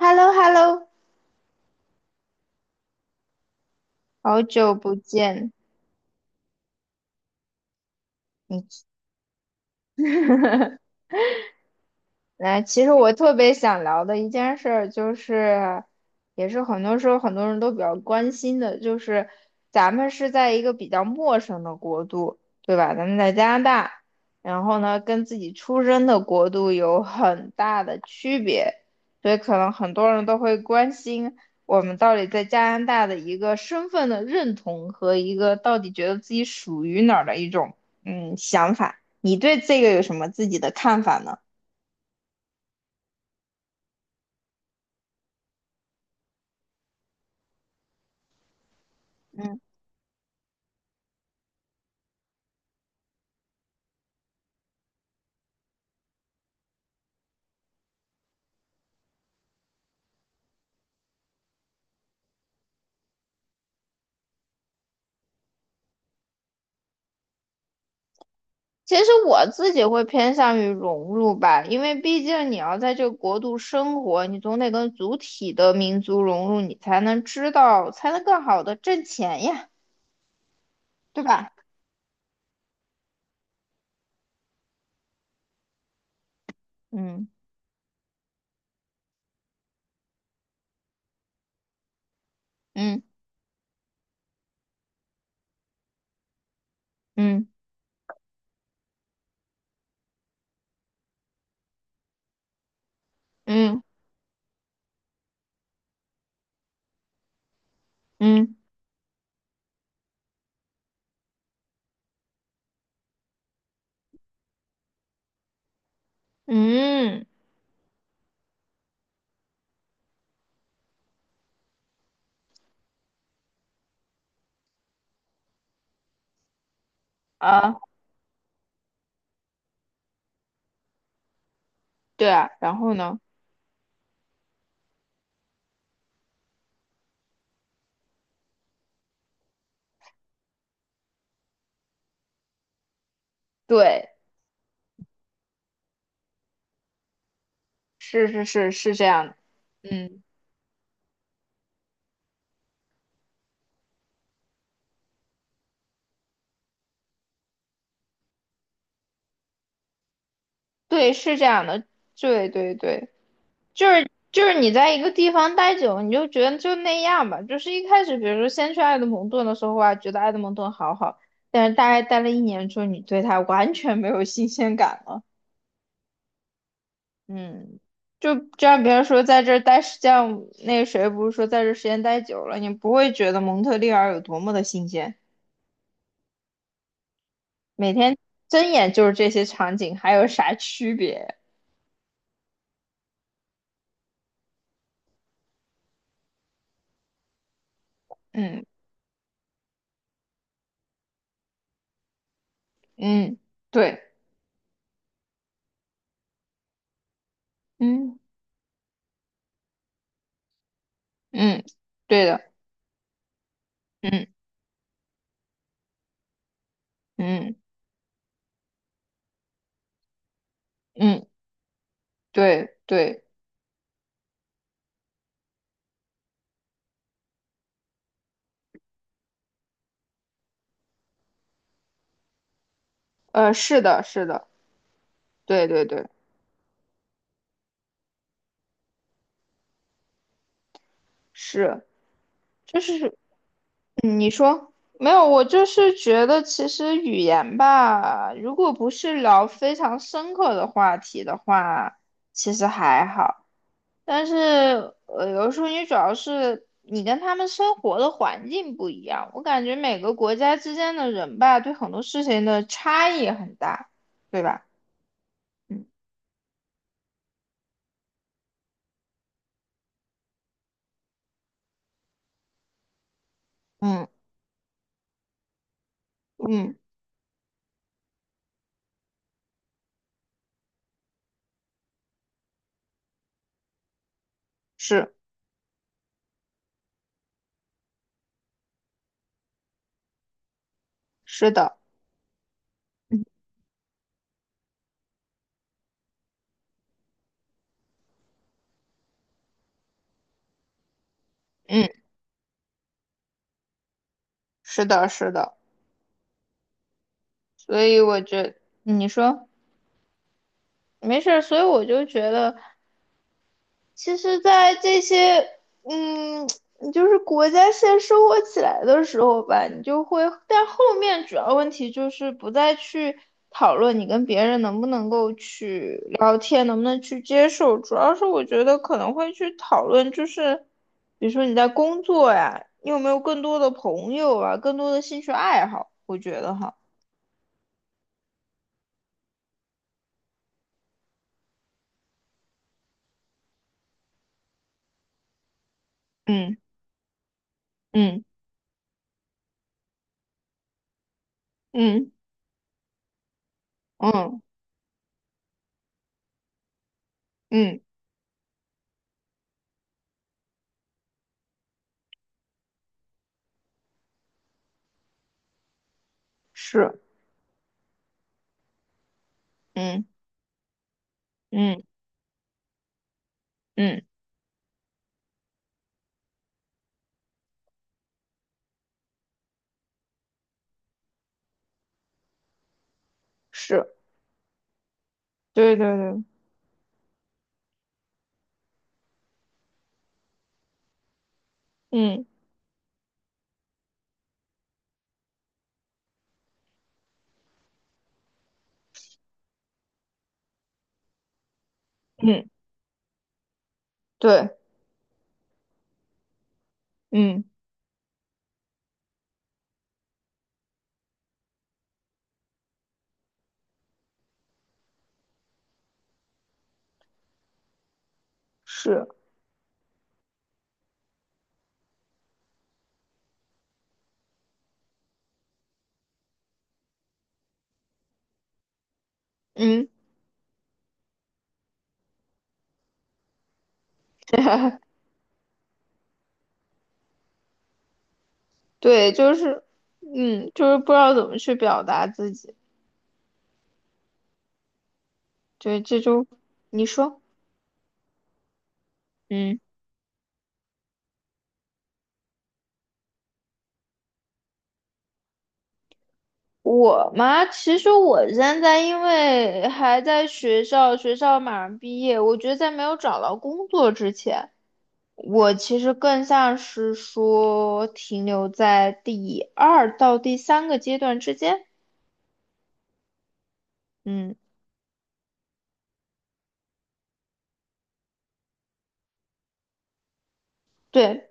h e l l o h e l l o 好久不见，你来。其实我特别想聊的一件事儿，就是，也是很多时候很多人都比较关心的，就是咱们是在一个比较陌生的国度，对吧？咱们在加拿大，然后呢，跟自己出生的国度有很大的区别。所以可能很多人都会关心我们到底在加拿大的一个身份的认同和一个到底觉得自己属于哪儿的一种想法。你对这个有什么自己的看法呢？其实我自己会偏向于融入吧，因为毕竟你要在这个国度生活，你总得跟主体的民族融入，你才能知道，才能更好的挣钱呀，对吧？嗯嗯嗯嗯嗯嗯啊，对啊，然后呢？对，是是是是这样的，嗯，对，是这样的，对对对。就是你在一个地方待久，你就觉得就那样吧。就是一开始，比如说先去埃德蒙顿的时候啊，觉得埃德蒙顿好好，但是大概待了一年之后，你对它完全没有新鲜感了。嗯，就像别人说在这儿待时间，那个谁不是说在这儿时间待久了，你不会觉得蒙特利尔有多么的新鲜，每天睁眼就是这些场景，还有啥区别？嗯嗯，对，嗯嗯，对的，嗯嗯嗯。对对，是的，是的，对对对，是，就是说没有，我就是觉得其实语言吧，如果不是聊非常深刻的话题的话，其实还好。但是有时候你主要是你跟他们生活的环境不一样，我感觉每个国家之间的人吧，对很多事情的差异很大，对吧？嗯嗯嗯，是是的，嗯。嗯。是的，是的，所以我觉你说没事儿，所以我就觉得，其实，在这些，嗯，就是国家先生活起来的时候吧，你就会，但后面主要问题就是不再去讨论你跟别人能不能够去聊天，能不能去接受，主要是我觉得可能会去讨论，就是比如说你在工作呀，你有没有更多的朋友啊，更多的兴趣爱好，我觉得哈，嗯嗯嗯。嗯嗯是，嗯嗯嗯是，对对对，嗯嗯对，嗯是，嗯对，就是不知道怎么去表达自己，对，这就你说，嗯。我嘛，其实我现在因为还在学校，学校马上毕业，我觉得在没有找到工作之前，我其实更像是说停留在第二到第三个阶段之间。嗯，对，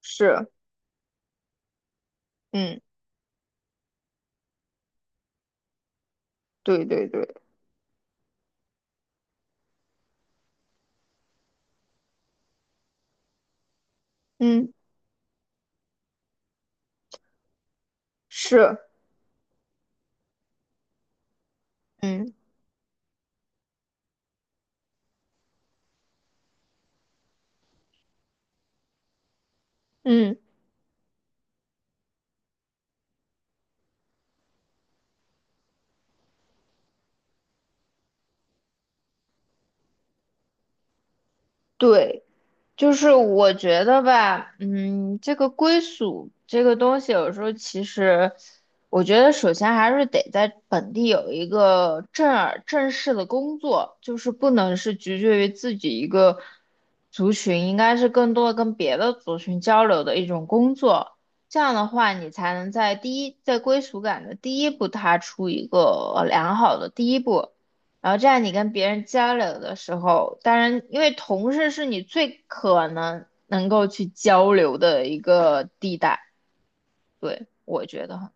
是，嗯，对对对，嗯，是，嗯嗯。对，就是我觉得吧，嗯，这个归属这个东西，有时候其实，我觉得首先还是得在本地有一个正儿正式的工作，就是不能是局限于自己一个族群，应该是更多的跟别的族群交流的一种工作。这样的话，你才能在第一，在归属感的第一步踏出一个良好的第一步。然后这样你跟别人交流的时候，当然，因为同事是你最可能能够去交流的一个地带，对，我觉得哈。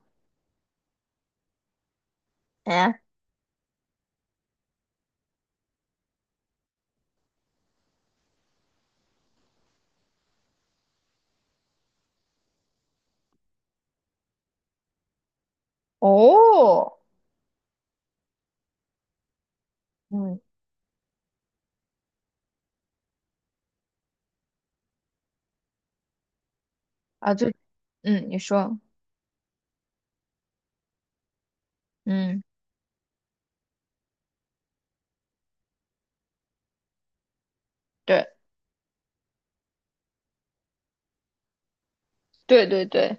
哎，哦，嗯，啊，就，嗯，你说，嗯，对，对对对，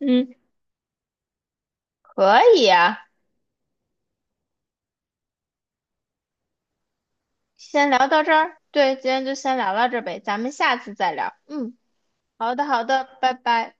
嗯，可以呀，先聊到这儿，对，今天就先聊到这儿呗，咱们下次再聊，嗯，好的好的，拜拜。